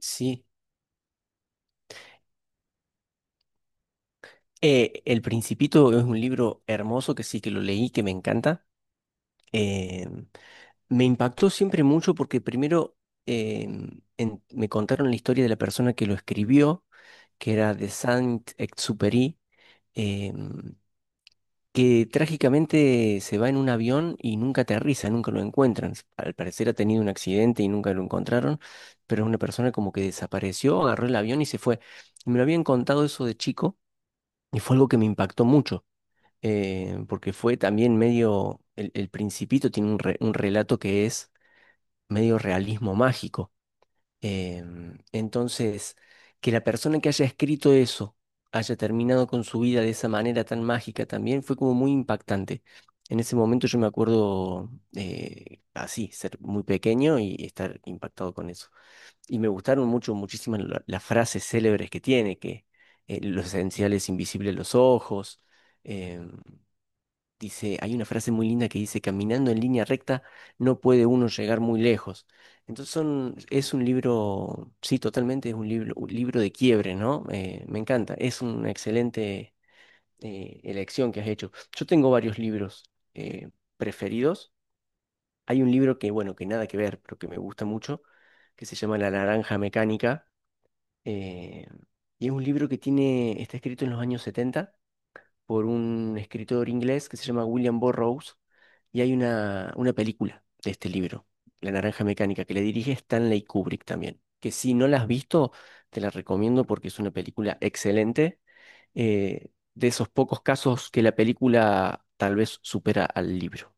Sí, El Principito es un libro hermoso que sí que lo leí, que me encanta. Eh, Me impactó siempre mucho porque primero eh, me contaron la historia de la persona que lo escribió, que era de Saint-Exupéry, eh, que trágicamente se va en un avión y nunca aterriza, nunca lo encuentran. Al parecer ha tenido un accidente y nunca lo encontraron, pero es una persona como que desapareció, agarró el avión y se fue. Y me lo habían contado eso de chico y fue algo que me impactó mucho. Porque fue también medio, el Principito tiene un, un relato que es medio realismo mágico. Entonces, que la persona que haya escrito eso haya terminado con su vida de esa manera tan mágica también fue como muy impactante. En ese momento yo me acuerdo así, ser muy pequeño y estar impactado con eso. Y me gustaron mucho, muchísimas las frases célebres que tiene, que lo esencial es invisible a los ojos. em, Dice, hay una frase muy linda que dice, caminando en línea recta no puede uno llegar muy lejos. Entonces son, es un libro, sí, totalmente es un libro de quiebre, ¿no? Me encanta, es una excelente elección que has hecho. Yo tengo varios libros eh, preferidos. Hay un libro que, bueno, que nada que ver, pero que me gusta mucho, que se llama La Naranja Mecánica. eh, y es un libro que tiene, está escrito en los años 70 por un escritor inglés que se llama William Burroughs y hay una película de este libro, La Naranja Mecánica, que le dirige Stanley Kubrick también, que si no la has visto, te la recomiendo porque es una película excelente, de esos pocos casos que la película tal vez supera al libro.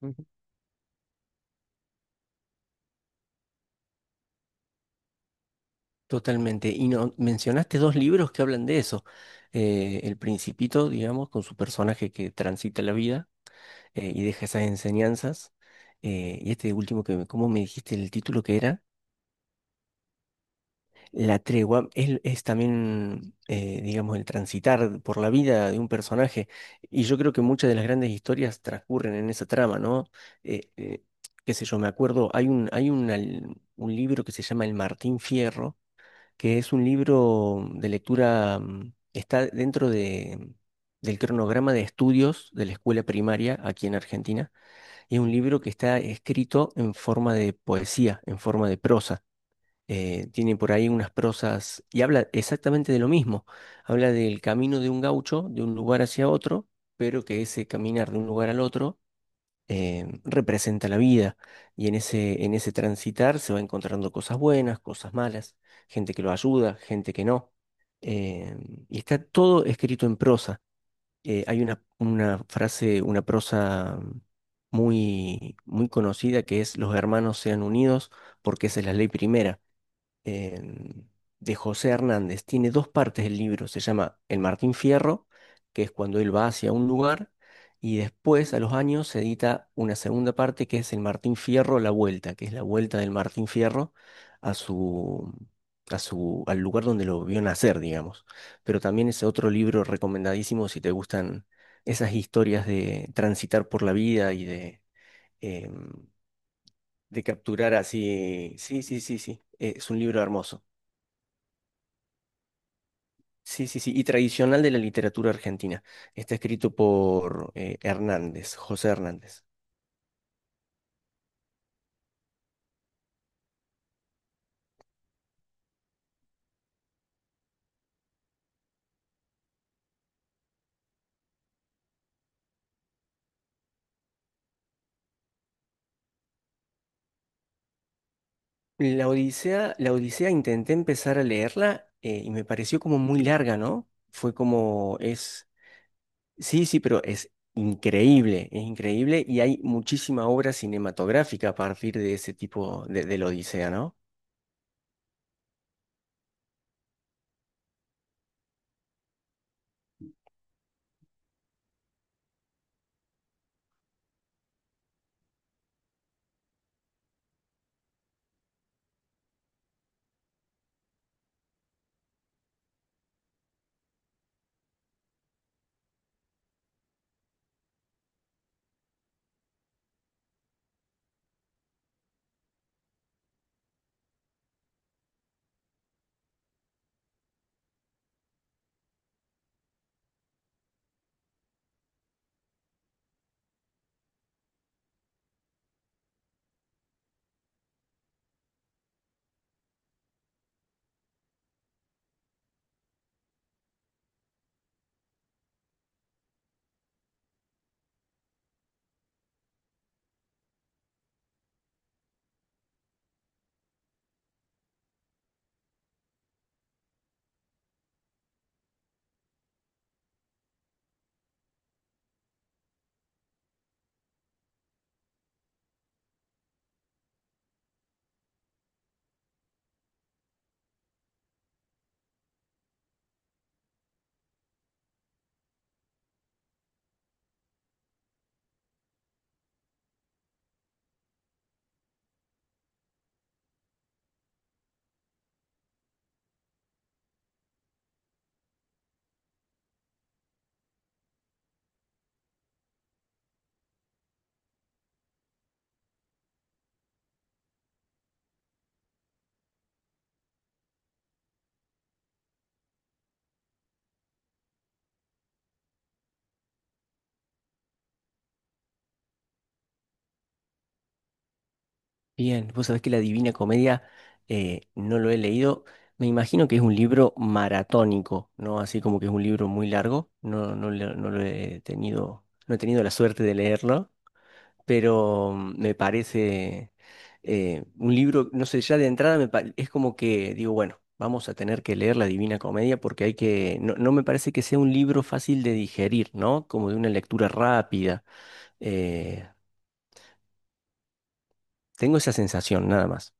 Ujú. Totalmente. Y no, mencionaste dos libros que hablan de eso. El Principito, digamos, con su personaje que transita la vida y deja esas enseñanzas. Y este último que, ¿cómo me dijiste el título que era? La tregua es también, digamos, el transitar por la vida de un personaje. Y yo creo que muchas de las grandes historias transcurren en esa trama, ¿no? Eh, eh, qué sé yo, me acuerdo, un libro que se llama El Martín Fierro, que es un libro de lectura, mm, está dentro del cronograma de estudios de la escuela primaria aquí en Argentina. Es un libro que está escrito en forma de poesía, en forma de prosa. Tiene por ahí unas prosas y habla exactamente de lo mismo. Habla del camino de un gaucho, de un lugar hacia otro, pero que ese caminar de un lugar al otro representa la vida. Y en en ese transitar se va encontrando cosas buenas, cosas malas, gente que lo ayuda, gente que no. Eh, y está todo escrito en prosa hay una frase, una prosa muy, muy conocida que es los hermanos sean unidos porque esa es la ley primera em, de José Hernández. Tiene dos partes el libro. Se llama El Martín Fierro, que es cuando él va hacia un lugar, y después, a los años, se edita una segunda parte que es El Martín Fierro, la vuelta, que es la vuelta del Martín Fierro a a su, al lugar donde lo vio nacer, digamos. Pero también es otro libro recomendadísimo si te gustan esas historias de transitar por la vida y de... em, de capturar así, sí, sí, sí, sí, es un libro hermoso. Sí, sí, sí, y tradicional de la literatura argentina. Está escrito por Hernández, José Hernández. La Odisea intenté empezar a leerla y me pareció como muy larga, ¿no? Fue como es, sí, sí, pero es increíble y hay muchísima obra cinematográfica a partir de ese tipo de la Odisea, ¿no? Bien, vos sabés que La Divina Comedia no lo he leído. Me imagino que es un libro maratónico, ¿no? Así como que es un libro muy largo. No, no, lo no lo he tenido, no he tenido la suerte de leerlo, pero mm, me parece un libro, no sé, ya de entrada es como que digo, bueno, vamos a tener que leer La Divina Comedia porque hay que, no, no me parece que sea un libro fácil de digerir, ¿no? Como de una lectura rápida. Eh, Tengo esa sensación, nada más.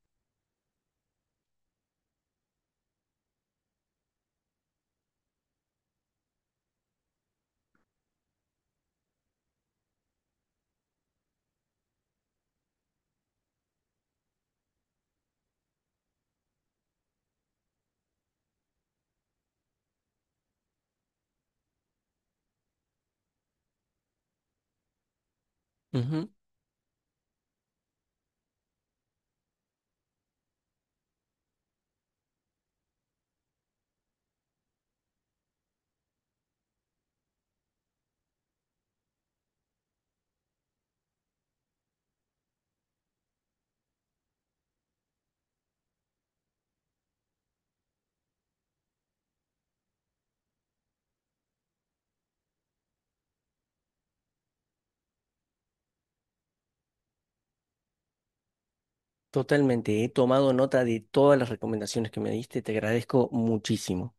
Totalmente, he tomado nota de todas las recomendaciones que me diste, te agradezco muchísimo.